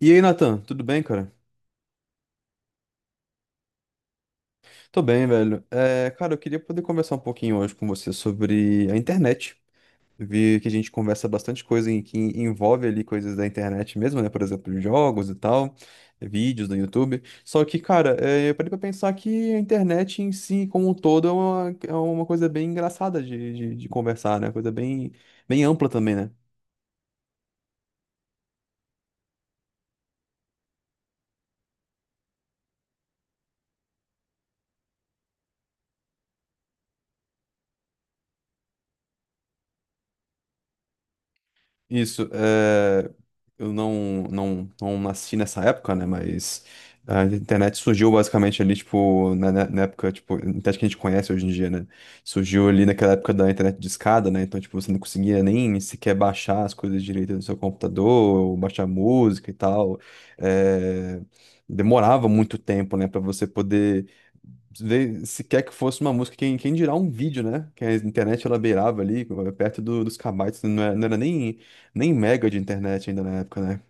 E aí, Nathan, tudo bem, cara? Tô bem, velho. Cara, eu queria poder conversar um pouquinho hoje com você sobre a internet. Vi que a gente conversa bastante coisa que envolve ali coisas da internet mesmo, né? Por exemplo, jogos e tal, vídeos no YouTube. Só que, cara, eu parei pra pensar que a internet em si, como um todo, é uma coisa bem engraçada de conversar, né? Coisa bem, bem ampla também, né? Isso, eu não nasci nessa época, né? Mas a internet surgiu basicamente ali, tipo, na época, tipo, a internet que a gente conhece hoje em dia, né? Surgiu ali naquela época da internet de escada, né? Então, tipo, você não conseguia nem sequer baixar as coisas direito no seu computador, ou baixar música e tal. É, Demorava muito tempo, né, pra você poder ver sequer que fosse uma música, quem dirá um vídeo, né? Que a internet ela beirava ali, perto dos kbytes, não era nem mega de internet ainda na época, né?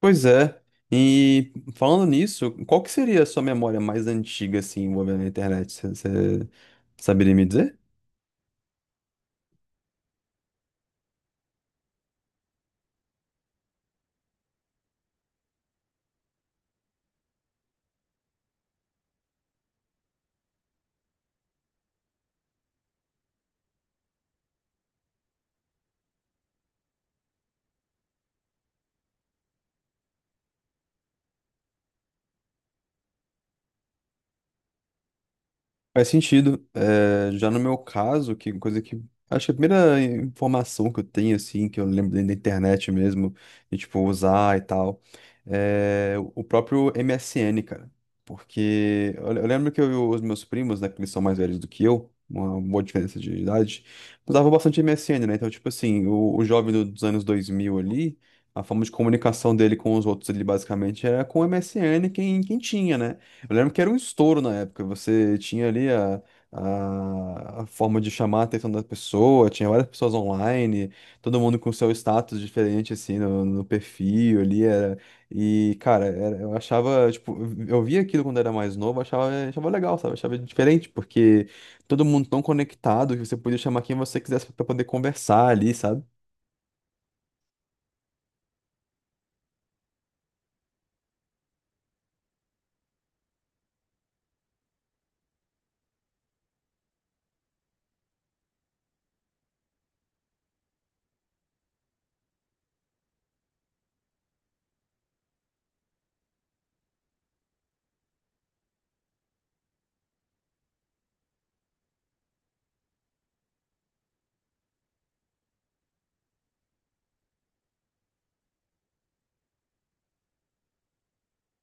Pois é. E falando nisso, qual que seria a sua memória mais antiga, assim, envolvendo a internet? Você saberia me dizer? Faz sentido. É, já no meu caso, que coisa que. Acho que a primeira informação que eu tenho, assim, que eu lembro dentro da internet mesmo, de tipo, usar e tal, é o próprio MSN, cara. Porque eu lembro que eu, e os meus primos, né, que eles são mais velhos do que eu, uma boa diferença de idade, usavam bastante MSN, né? Então, tipo assim, o jovem dos anos 2000 ali, a forma de comunicação dele com os outros ali, basicamente, era com o MSN, quem tinha, né? Eu lembro que era um estouro na época. Você tinha ali a forma de chamar a atenção da pessoa, tinha várias pessoas online, todo mundo com seu status diferente, assim, no perfil ali. Era... E, cara, era- eu achava, tipo, eu via aquilo quando era mais novo, achava legal, sabe? Achava diferente, porque todo mundo tão conectado que você podia chamar quem você quisesse pra poder conversar ali, sabe?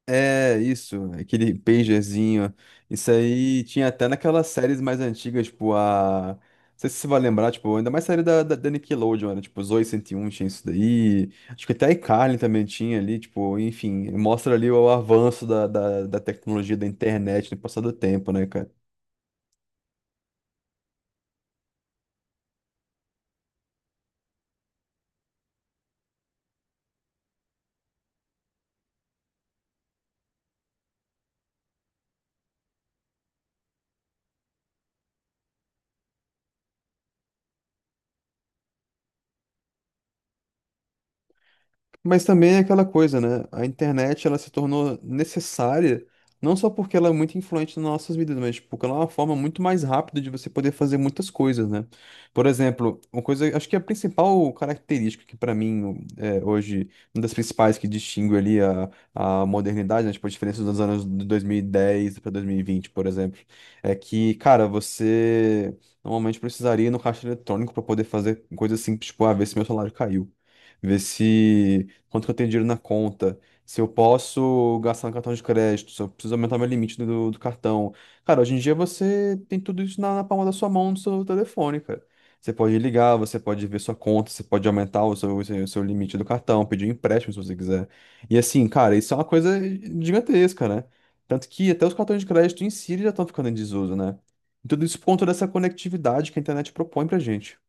É, isso, aquele pagerzinho. Isso aí tinha até naquelas séries mais antigas, tipo a. Não sei se você vai lembrar, tipo, ainda mais série da Nickelodeon, né? Tipo, Zoey 101 tinha isso daí. Acho que até a iCarly também tinha ali, tipo, enfim, mostra ali o avanço da tecnologia da internet no passar do tempo, né, cara? Mas também é aquela coisa, né? A internet ela se tornou necessária não só porque ela é muito influente nas nossas vidas, mas tipo, porque ela é uma forma muito mais rápida de você poder fazer muitas coisas, né? Por exemplo, uma coisa, acho que a principal característica que para mim é, hoje, uma das principais que distingue ali a modernidade, né? Tipo, a diferença dos anos de 2010 para 2020, por exemplo, é que, cara, você normalmente precisaria ir no caixa eletrônico para poder fazer coisas simples, tipo, ah, ver se meu salário caiu, ver se quanto que eu tenho dinheiro na conta, se eu posso gastar no cartão de crédito, se eu preciso aumentar meu limite do cartão. Cara, hoje em dia você tem tudo isso na palma da sua mão, no seu telefone, cara. Você pode ligar, você pode ver sua conta, você pode aumentar o seu limite do cartão, pedir um empréstimo se você quiser. E assim, cara, isso é uma coisa gigantesca, né? Tanto que até os cartões de crédito em si eles já estão ficando em desuso, né? E tudo isso por conta dessa conectividade que a internet propõe pra gente.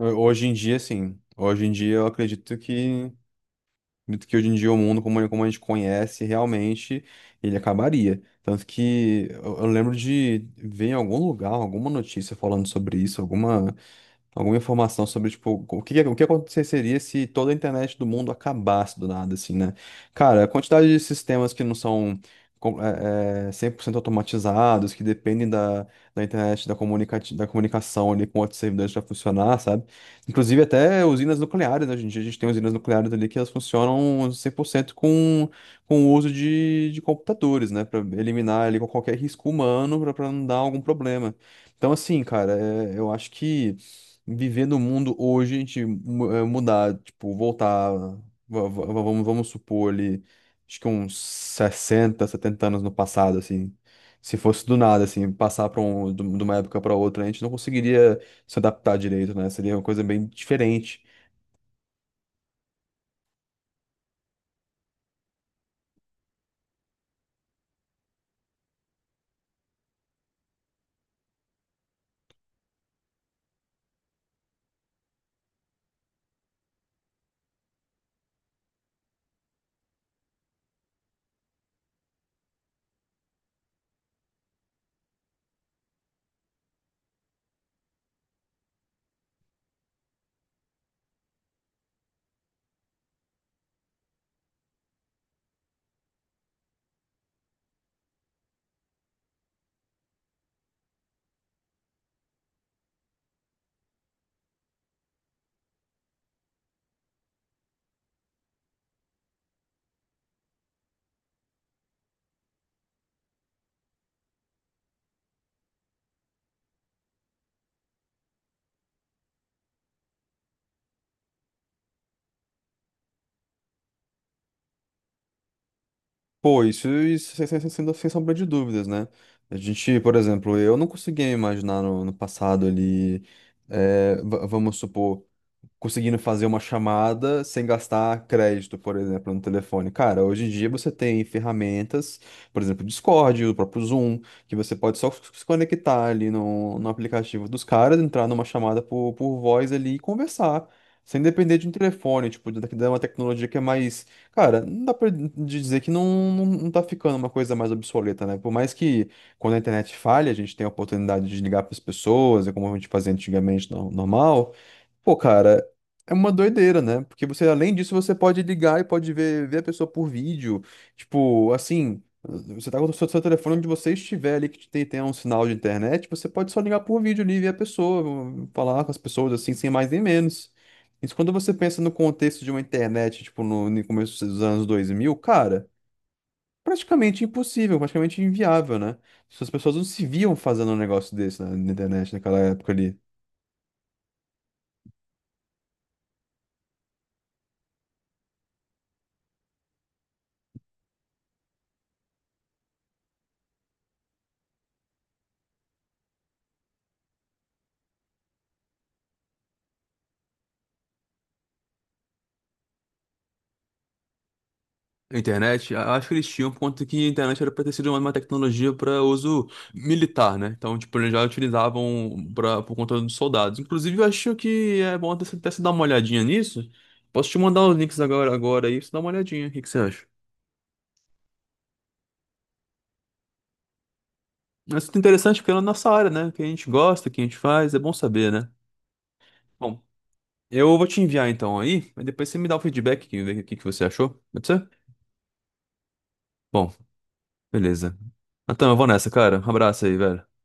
Hoje em dia, sim. Hoje em dia eu acredito que acredito que hoje em dia o mundo, como, como a gente conhece, realmente ele acabaria. Tanto que eu lembro de ver em algum lugar, alguma notícia falando sobre isso, alguma informação sobre, tipo, o que aconteceria se toda a internet do mundo acabasse do nada, assim, né? Cara, a quantidade de sistemas que não são 100% automatizados, que dependem da internet, da comunicação ali com outros servidores para funcionar, sabe? Inclusive até usinas nucleares, né? Hoje em dia a gente tem usinas nucleares ali que elas funcionam 100% com o uso de computadores, né? Para eliminar ali qualquer risco humano, para não dar algum problema. Então, assim, cara, eu acho que viver no mundo hoje, a gente mudar, tipo, voltar, vamos supor ali, acho que uns 60 70 anos no passado, assim. Se fosse do nada, assim, passar para um, de uma época para outra, a gente não conseguiria se adaptar direito, né? Seria uma coisa bem diferente. Pô, isso, isso sem sombra de dúvidas, né? A gente, por exemplo, eu não conseguia imaginar no passado ali, vamos supor, conseguindo fazer uma chamada sem gastar crédito, por exemplo, no telefone. Cara, hoje em dia você tem ferramentas, por exemplo, o Discord, o próprio Zoom, que você pode só se conectar ali no aplicativo dos caras, entrar numa chamada por voz ali e conversar. Sem depender de um telefone, tipo, da uma tecnologia que é mais. Cara, não dá pra dizer que não tá ficando uma coisa mais obsoleta, né? Por mais que quando a internet falha, a gente tem a oportunidade de ligar para as pessoas, é como a gente fazia antigamente normal. Pô, cara, é uma doideira, né? Porque você, além disso, você pode ligar e pode ver a pessoa por vídeo. Tipo, assim, você tá com seu telefone onde você estiver ali, que tem um sinal de internet, você pode só ligar por vídeo ali e ver a pessoa, falar com as pessoas assim, sem mais nem menos. Isso quando você pensa no contexto de uma internet, tipo, no começo dos anos dois mil, cara, praticamente impossível, praticamente inviável, né? As pessoas não se viam fazendo um negócio desse na internet naquela época ali. Internet, acho que eles tinham, por conta que a internet era para ter sido uma tecnologia para uso militar, né? Então, tipo, eles já utilizavam pra, por conta dos soldados. Inclusive, eu acho que é bom até você dar uma olhadinha nisso. Posso te mandar os links agora aí, pra você dá uma olhadinha. O que que você acha? Mas isso é interessante porque é na nossa área, né? O que a gente gosta, o que a gente faz, é bom saber, né? Bom, eu vou te enviar então aí, mas depois você me dá o feedback, que- ver o que que você achou, pode ser? Bom, beleza. Então, eu vou nessa, cara. Um abraço aí, velho.